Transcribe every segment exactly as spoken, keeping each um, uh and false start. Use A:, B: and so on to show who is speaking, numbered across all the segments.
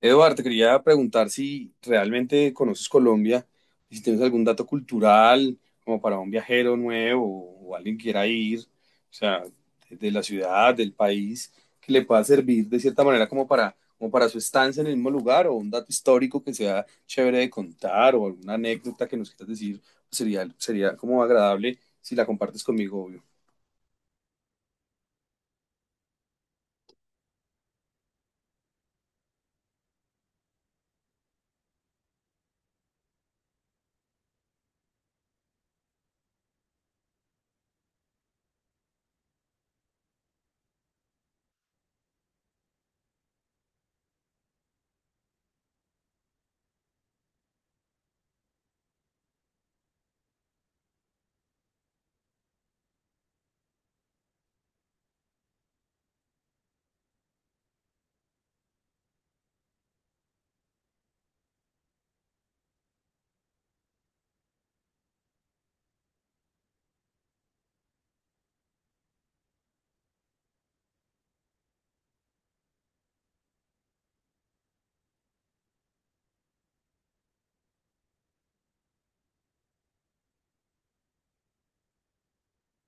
A: Eduardo, te quería preguntar si realmente conoces Colombia, y si tienes algún dato cultural como para un viajero nuevo o alguien que quiera ir, o sea, de de la ciudad, del país, que le pueda servir de cierta manera como para, como para su estancia en el mismo lugar o un dato histórico que sea chévere de contar o alguna anécdota que nos quieras decir, pues sería, sería como agradable si la compartes conmigo, obvio.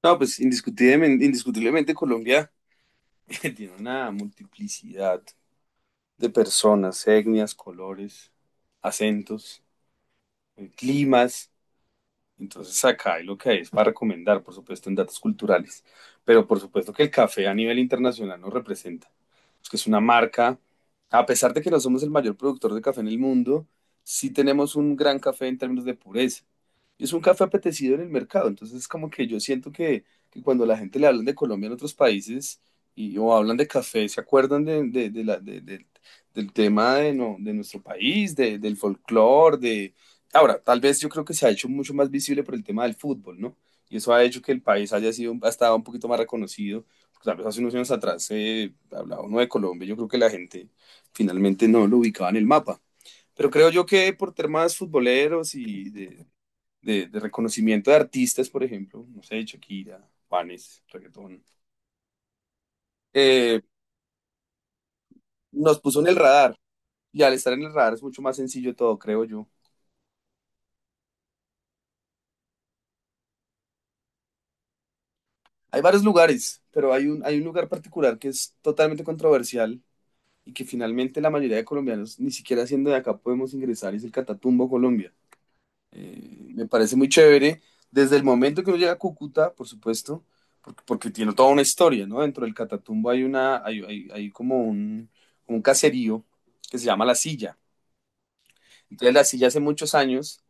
A: No, pues indiscutiblemente, indiscutiblemente Colombia tiene una multiplicidad de personas, etnias, colores, acentos, eh, climas. Entonces acá hay lo que hay es para recomendar, por supuesto, en datos culturales, pero por supuesto que el café a nivel internacional nos representa, es que es una marca, a pesar de que no somos el mayor productor de café en el mundo, sí tenemos un gran café en términos de pureza. Y es un café apetecido en el mercado, entonces es como que yo siento que, que cuando la gente le hablan de Colombia en otros países y o hablan de café, se acuerdan de, de- de la- de- de- del tema de, no- de nuestro país, de- del folclore, de ahora, tal vez yo creo que se ha hecho mucho más visible por el tema del fútbol, ¿no? Y eso ha hecho que el país haya sido, ha estado un poquito más reconocido. Pues, tal vez hace unos años atrás se hablaba uno de Colombia, yo creo que la gente finalmente no lo ubicaba en el mapa. Pero creo yo que por temas futboleros y de, de- de reconocimiento de artistas, por ejemplo, no sé, Shakira, Juanes, reggaetón, eh, nos puso en el radar. Y al estar en el radar es mucho más sencillo todo, creo yo. Hay varios lugares, pero hay un, hay un lugar particular que es totalmente controversial y que finalmente la mayoría de colombianos ni siquiera siendo de acá podemos ingresar, es el Catatumbo Colombia. Eh, me parece muy chévere desde el momento que uno llega a Cúcuta, por supuesto, porque, porque tiene toda una historia, ¿no? Dentro del Catatumbo hay una, hay, hay, hay como un, un caserío que se llama La Silla, entonces la silla hace muchos años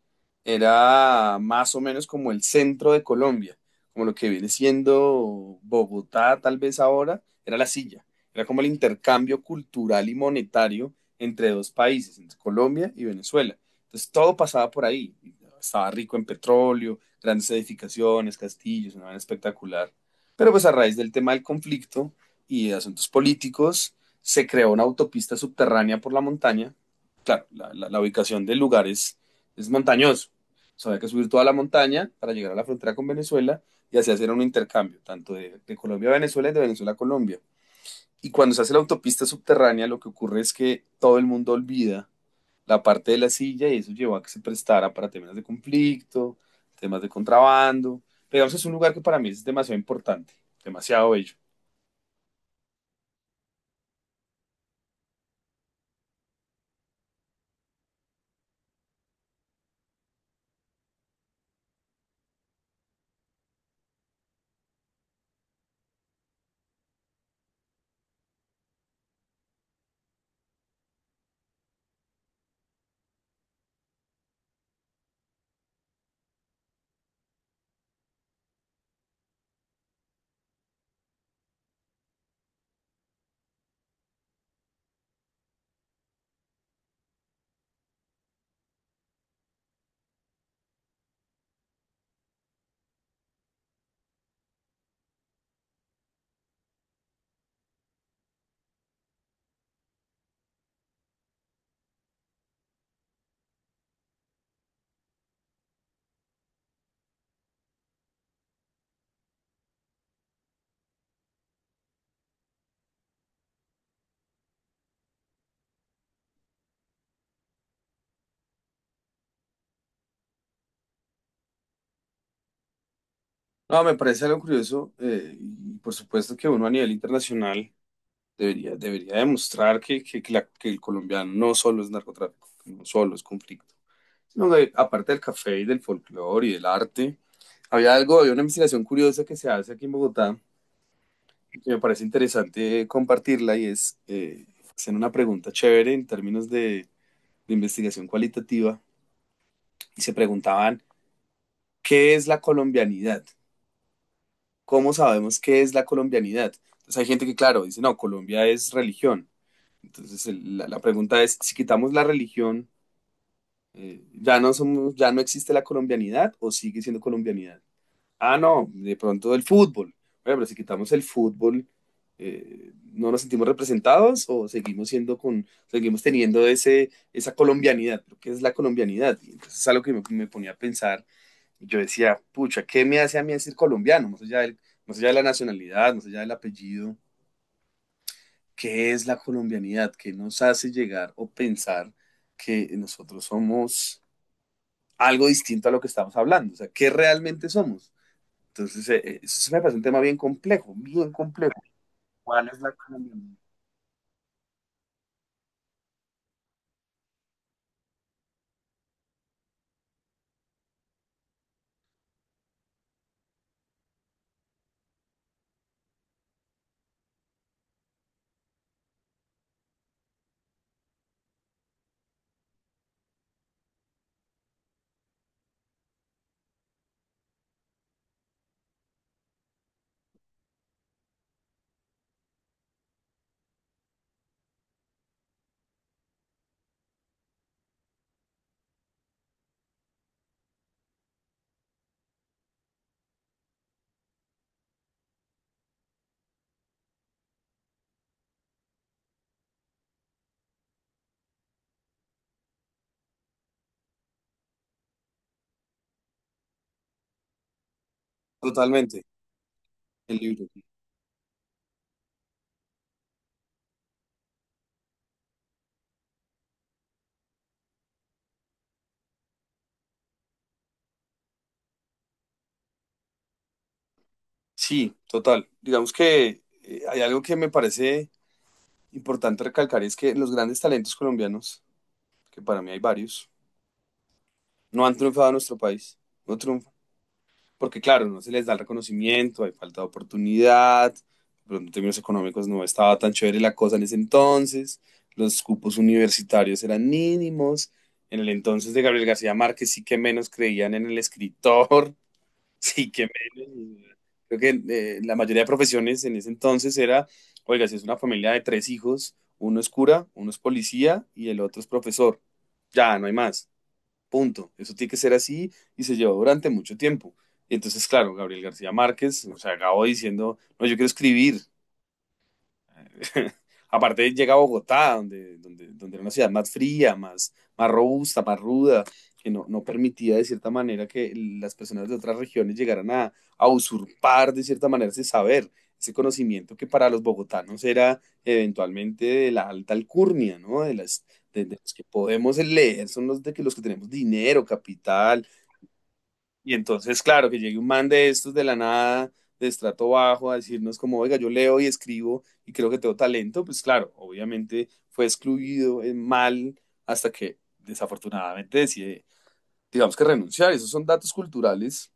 A: era más o menos como el centro de Colombia, como lo que viene siendo Bogotá tal vez ahora, era la silla. Era como el intercambio cultural y monetario entre dos países, entre Colombia y Venezuela. Entonces todo pasaba por ahí. Estaba rico en petróleo, grandes edificaciones, castillos, una vaina espectacular. Pero pues a raíz del tema del conflicto y de asuntos políticos, se creó una autopista subterránea por la montaña. Claro, la, la- la ubicación del lugar es, es montañoso. O sea, había que subir toda la montaña para llegar a la frontera con Venezuela y así hacer un intercambio, tanto de, de Colombia a Venezuela y de Venezuela a Colombia. Y cuando se hace la autopista subterránea, lo que ocurre es que todo el mundo olvida la parte de la silla y eso llevó a que se prestara para temas de conflicto, temas de contrabando. Pero digamos, es un lugar que para mí es demasiado importante, demasiado bello. No, me parece algo curioso eh, y por supuesto que uno a nivel internacional Debería, debería demostrar que, que- que la- que el colombiano no solo es narcotráfico, que no solo es conflicto, sino que aparte del café y del folclore y del arte, había algo, había una investigación curiosa que se hace aquí en Bogotá, que me parece interesante compartirla y es eh, hacer una pregunta chévere en términos de, de investigación cualitativa y se preguntaban, ¿qué es la colombianidad? ¿Cómo sabemos qué es la colombianidad? Entonces hay gente que, claro, dice, no, Colombia es religión. Entonces el- la la pregunta es, si quitamos la religión, Eh, ya no somos, ya no existe la colombianidad o sigue siendo colombianidad. Ah, no, de pronto el fútbol. Bueno, pero si quitamos el fútbol, eh, ¿no nos sentimos representados o seguimos siendo con, seguimos teniendo ese, esa colombianidad? Lo que es la colombianidad. Y entonces es algo que me, me ponía a pensar. Y yo decía, pucha, ¿qué me hace a mí decir colombiano? Más allá del- más allá de la nacionalidad, más allá del apellido, ¿qué es la colombianidad? ¿Qué nos hace llegar o pensar que nosotros somos algo distinto a lo que estamos hablando? O sea, ¿qué realmente somos? Entonces, eh, eh, eso se me parece un tema bien complejo, bien complejo. ¿Cuál es la economía? Totalmente, el libro. Sí, total. Digamos que eh, hay algo que me parece importante recalcar y es que los grandes talentos colombianos, que para mí hay varios, no han triunfado en nuestro país. No, triunfan. Porque claro, no se les da el reconocimiento, hay falta de oportunidad, pero en términos económicos no estaba tan chévere la cosa en ese entonces, los cupos universitarios eran mínimos, en el entonces de Gabriel García Márquez sí que menos creían en el escritor, sí que menos, creo que eh, la mayoría de profesiones en ese entonces era, oiga, si es una familia de tres hijos, uno es cura, uno es policía y el otro es profesor, ya no hay más. Punto. Eso tiene que ser así y se llevó durante mucho tiempo. Y entonces, claro, Gabriel García Márquez, o sea, acabó diciendo, no, yo quiero escribir. Aparte llega a Bogotá, donde, donde, donde era una ciudad más fría, más, más robusta, más ruda, que no, no permitía de cierta manera que las personas de otras regiones llegaran a, a usurpar de cierta manera ese saber, ese conocimiento que para los bogotanos era eventualmente de la alta alcurnia, ¿no? De las, de, de los que podemos leer son los de que los que tenemos dinero, capital, y entonces, claro, que llegue un man de estos de la nada, de estrato bajo, a decirnos como, oiga, yo leo y escribo y creo que tengo talento, pues claro, obviamente fue excluido eh, mal hasta que desafortunadamente decide, digamos que renunciar. Esos son datos culturales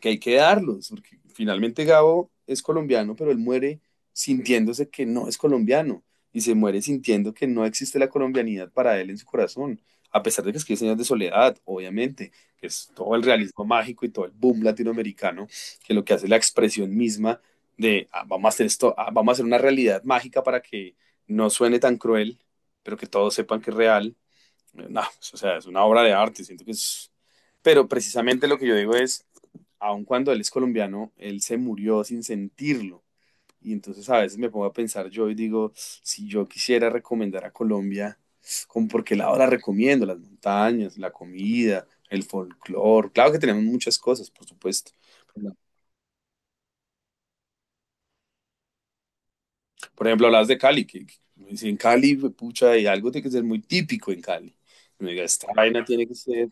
A: que hay que darlos, porque finalmente Gabo es colombiano, pero él muere sintiéndose que no es colombiano y se muere sintiendo que no existe la colombianidad para él en su corazón, a pesar de que escribe Señas de Soledad, obviamente, que es todo el realismo mágico y todo el boom latinoamericano, que lo que hace es la expresión misma de ah, vamos a hacer esto, ah, vamos a hacer una realidad mágica para que no suene tan cruel, pero que todos sepan que es real. No, o sea, es una obra de arte, siento que es. Pero precisamente lo que yo digo es, aun cuando él es colombiano, él se murió sin sentirlo. Y entonces a veces me pongo a pensar yo y digo, si yo quisiera recomendar a Colombia, ¿con por qué lado la recomiendo? Las montañas, la comida, el folclore. Claro que tenemos muchas cosas, por supuesto. Por ejemplo, hablas de Cali, que, que me dicen, en Cali, pucha, hay algo tiene que ser muy típico en Cali. Me diga, esta vaina tiene que ser.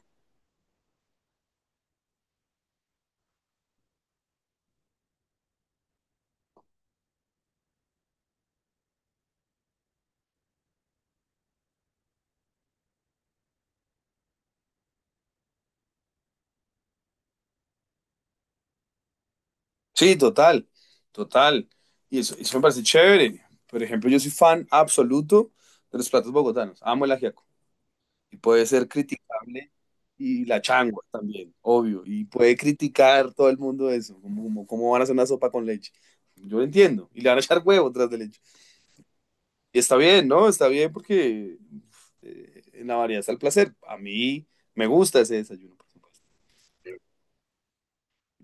A: Sí, total, total. Y eso, eso me parece chévere. Por ejemplo, yo soy fan absoluto de los platos bogotanos. Amo el ajiaco. Y puede ser criticable y la changua también, obvio. Y puede criticar todo el mundo eso, como, como cómo van a hacer una sopa con leche. Yo lo entiendo. Y le van a echar huevo tras de leche. Y está bien, ¿no? Está bien porque eh, en la variedad está el placer. A mí me gusta ese desayuno, por supuesto.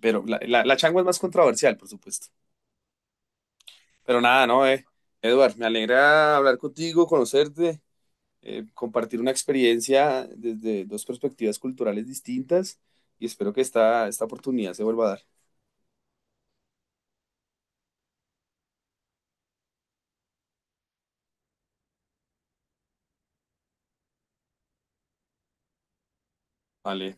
A: Pero la, la, la changua es más controversial, por supuesto. Pero nada, no, eh. Edward, me alegra hablar contigo, conocerte, eh, compartir una experiencia desde dos perspectivas culturales distintas y espero que esta, esta oportunidad se vuelva a dar. Vale.